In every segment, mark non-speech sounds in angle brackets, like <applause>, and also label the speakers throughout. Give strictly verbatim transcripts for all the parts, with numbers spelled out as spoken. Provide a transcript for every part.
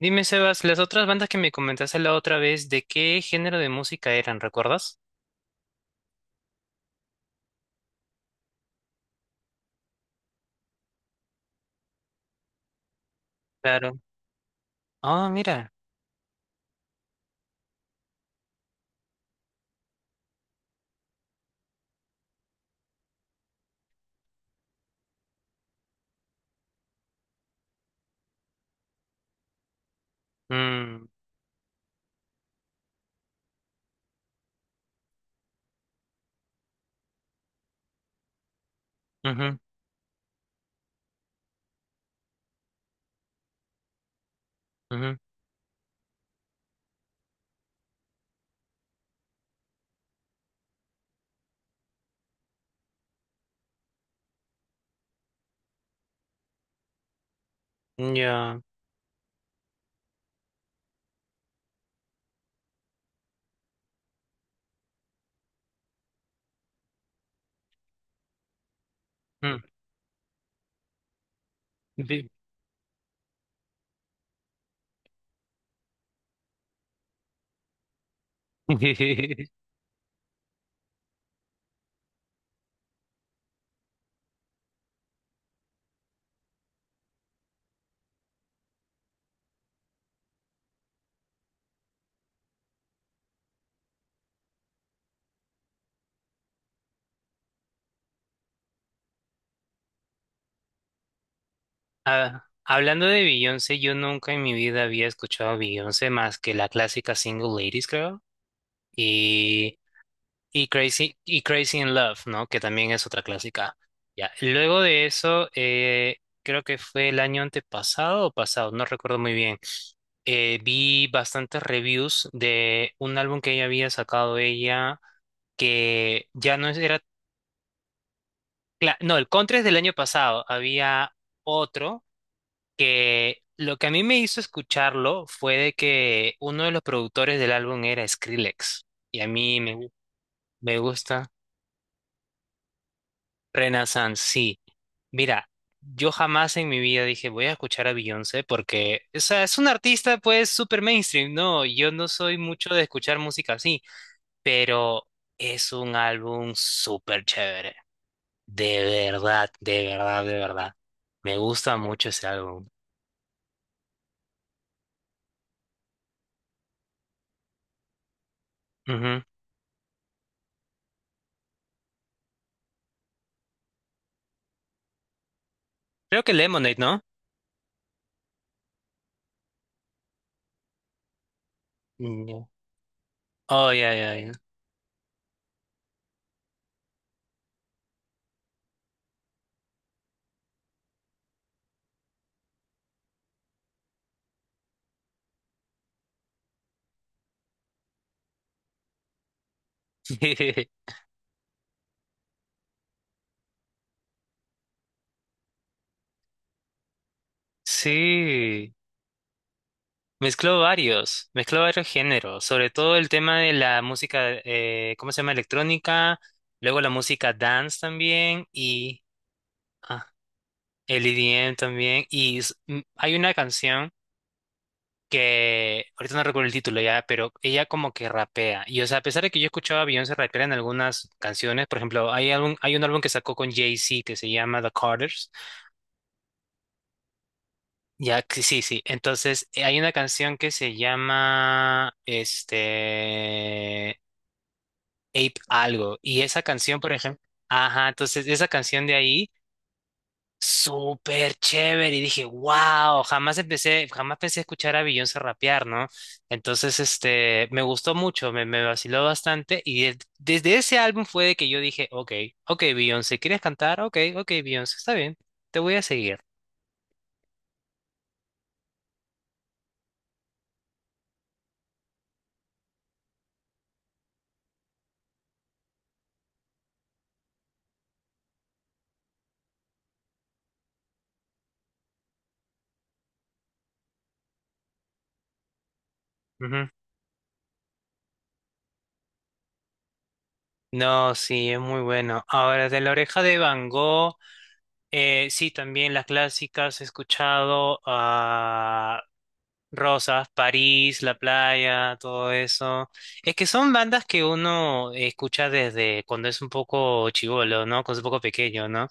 Speaker 1: Dime, Sebas, las otras bandas que me comentaste la otra vez, ¿de qué género de música eran? ¿Recuerdas? Claro. Ah, mira. Mm, ujú, ujú, ya. Mm. Bi- <laughs> Ah, hablando de Beyoncé, yo nunca en mi vida había escuchado a Beyoncé más que la clásica Single Ladies, creo, y, y Crazy, y Crazy in Love, ¿no? Que también es otra clásica. Ya. Luego de eso, eh, creo que fue el año antepasado o pasado, no recuerdo muy bien, eh, vi bastantes reviews de un álbum que ella había sacado ella, que ya no es- era... Cla- No, el Contra es del año pasado. Había otro que lo que a mí me hizo escucharlo fue de que uno de los productores del álbum era Skrillex. Y a mí me, gu- me gusta Renaissance, sí. Mira, yo jamás en mi vida dije voy a escuchar a Beyoncé porque, o sea, es un artista pues súper mainstream, ¿no? Yo no soy mucho de escuchar música así. Pero es un álbum súper chévere. De verdad, de verdad, de verdad. Me gusta mucho ese álbum. Ujú. Creo que Lemonade, ¿no? Mm, ya. Oh, ya, ya, ya. <laughs> Sí, mezcló varios, mezcló varios géneros, sobre todo el tema de la música, eh, ¿cómo se llama? Electrónica, luego la música dance también y ah, el E D M también. Y s- m- hay una canción que ahorita no recuerdo el título ya, pero ella como que rapea. Y o sea, a pesar de que yo escuchaba a Beyoncé rapear en algunas canciones, por ejemplo, hay algún, hay un álbum que sacó con Jay-Z que se llama The Carters. Ya, que sí, sí. Entonces, eh, hay una canción que se llama este Ape algo y esa canción, por ejemplo, ajá, entonces esa canción de ahí súper chévere y dije, wow, jamás empecé, jamás pensé escuchar a Beyoncé rapear, ¿no? Entonces, este, me gustó mucho, me, me vaciló bastante y de- desde ese álbum fue de que yo dije, ok, ok, Beyoncé, ¿quieres cantar? Ok, ok, Beyoncé, está bien, te voy a seguir. Ujú. No, sí, es muy bueno. Ahora, de la oreja de Van Gogh, eh, sí, también las clásicas he escuchado, Rosas, París, La Playa, todo eso. Es que son bandas que uno escucha desde cuando es un poco chivolo, ¿no? Cuando es un poco pequeño, ¿no?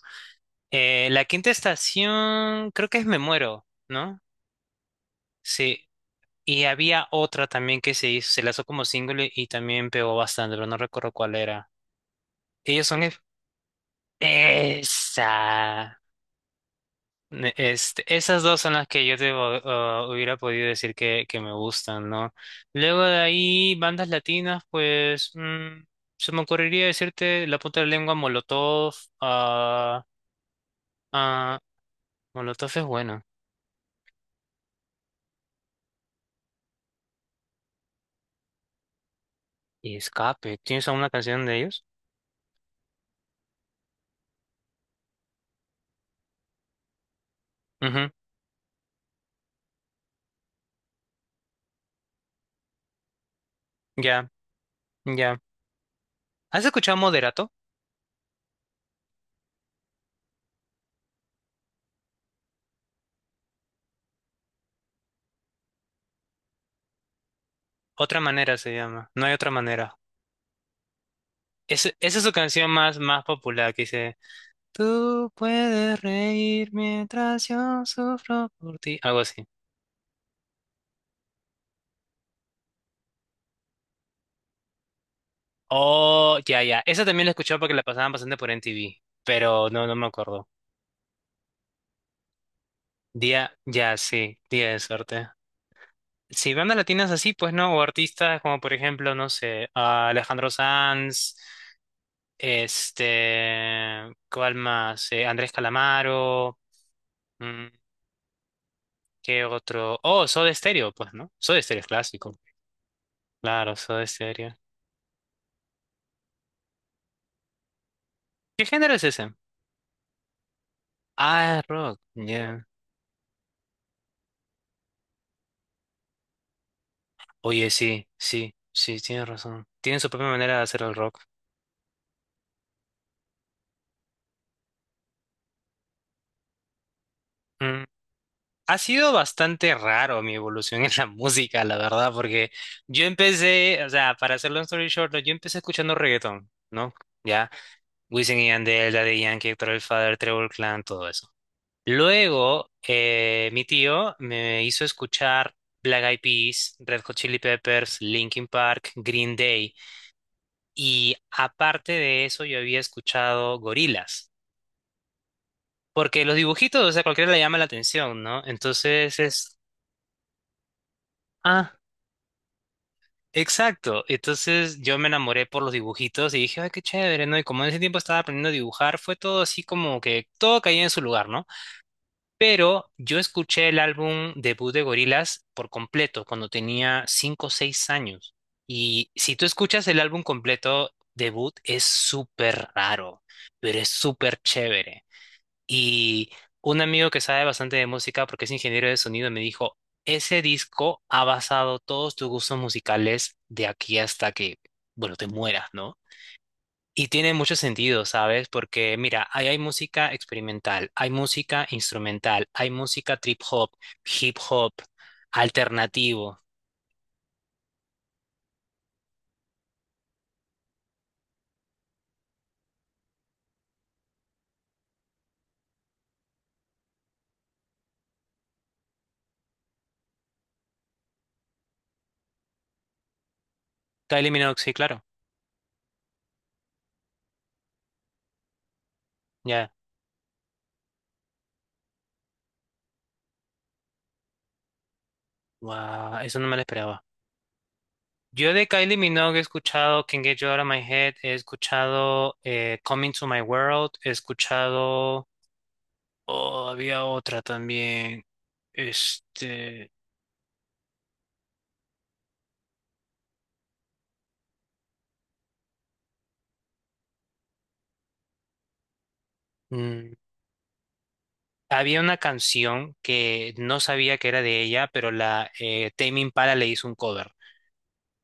Speaker 1: Eh, la quinta estación, creo que es Me Muero, ¿no? Sí. Y había otra también que se hizo, se lanzó como single y también pegó bastante, pero no recuerdo cuál era. Ellos son... es- Esa. Ne- Este, esas dos son las que yo te hu- ah, hubiera podido decir que, que me gustan, ¿no? Luego de ahí, bandas latinas, pues mm, se me ocurriría decirte La Punta de la Lengua, Molotov. Ah, ah, Molotov es bueno. Y Escape, ¿tienes alguna canción de ellos? Ujú, ya, ya. ¿Has escuchado Moderato? Otra manera se llama, no hay otra manera. Es- esa es su canción más, más popular que dice, tú puedes reír mientras yo sufro por ti. Algo así. Oh, ya, ya. Esa también la he escuchado porque la pasaban bastante por N T V, pero no, no me acuerdo. Día, ya, sí, día de suerte. Sí, bandas latinas así, pues no, o artistas como por ejemplo, no sé, a Alejandro Sanz, este, ¿cuál más? Eh, Andrés Calamaro, mm, ¿qué otro? Oh, Soda Stereo, pues, ¿no? Soda Stereo es clásico. Claro, Soda Stereo. ¿Qué género es ese? Ah, es rock, ya. Oye, sí, sí, sí, tienes razón. Tienen su propia manera de hacer el rock. Mm, ha sido bastante raro mi evolución <laughs> en la música, la verdad, porque yo empecé, o sea, para hacer long story short, yo empecé escuchando reggaetón, ¿no? Ya, Wisin y Yandel, Daddy Yankee, Héctor el Father, Trevor Clan, todo eso. Luego, eh, mi tío me hizo escuchar Black Eyed Peas, Red Hot Chili Peppers, Linkin Park, Green Day, y aparte de eso, yo había escuchado Gorillaz, porque los dibujitos, o sea, cualquiera le llama la atención, ¿no? Entonces es... Ah, exacto, entonces yo me enamoré por los dibujitos y dije, ay, qué chévere, ¿no? Y como en ese tiempo estaba aprendiendo a dibujar, fue todo así como que todo caía en su lugar, ¿no? Pero yo escuché el álbum debut de Gorillaz por completo cuando tenía cinco o seis años. Y si tú escuchas el álbum completo debut, es súper raro, pero es súper chévere. Y un amigo que sabe bastante de música, porque es ingeniero de sonido, me dijo, ese disco ha basado todos tus gustos musicales de aquí hasta que, bueno, te mueras, ¿no? Y tiene mucho sentido, ¿sabes? Porque mira, ahí hay música experimental, hay música instrumental, hay música trip hop, hip hop, alternativo. Kylie Minogue, sí, claro. Ya. Guau, eso no me lo esperaba. Yo de Kylie Minogue he escuchado Can Get You Out of My Head, he escuchado eh, Coming to My World, he escuchado. Oh, había otra también. Este. Mm, había una canción que no sabía que era de ella, pero la eh, Tame Impala le hizo un cover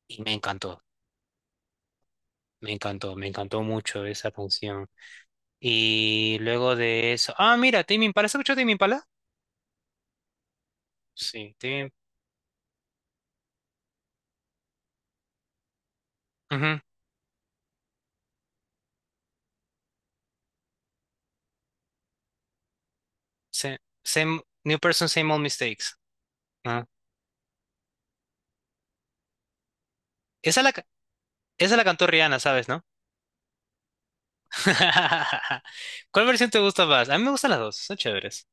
Speaker 1: y me encantó, me encantó, me encantó mucho esa canción. Y luego de eso. Ah, mira, Tame Impala, ¿has escuchado Tame Impala? Sí, Tame. Ujú, sa- same, New Person, Same Old Mistakes. Ah. Esa la, esa la cantó Rihanna, ¿sabes, no? <laughs> ¿Cuál versión te gusta más? A mí me gustan las dos, son chéveres.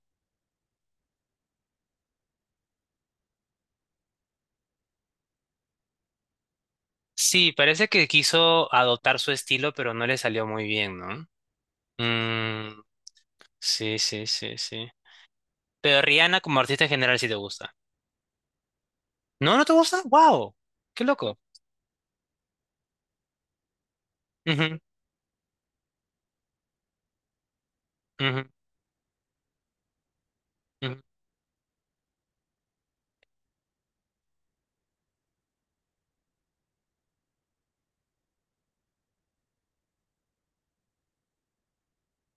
Speaker 1: Sí, parece que quiso adoptar su estilo, pero no le salió muy bien, ¿no? Mm, sí, sí, sí, sí. Pero Rihanna como artista en general sí te gusta. ¿No, no te gusta? ¡Wow! ¡Qué loco! Ujú, ujú, ujú,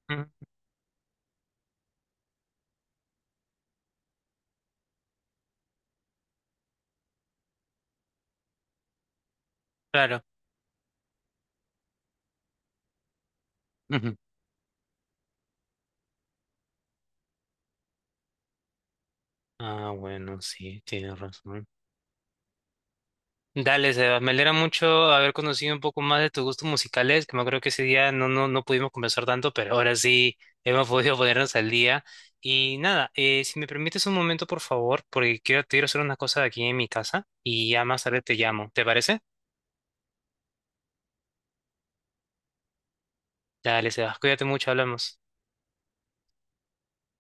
Speaker 1: ujú, claro. Ujú. Ah, bueno, sí, tienes razón. Dale, Seba, me alegra mucho haber conocido un poco más de tus gustos musicales, que me acuerdo que ese día no, no, no pudimos conversar tanto, pero ahora sí <laughs> hemos podido ponernos al día. Y nada, eh, si me permites un momento, por favor, porque quiero, quiero hacer una cosa aquí en mi casa y ya más tarde te llamo, ¿te parece? Dale, Seba, cuídate mucho, hablamos.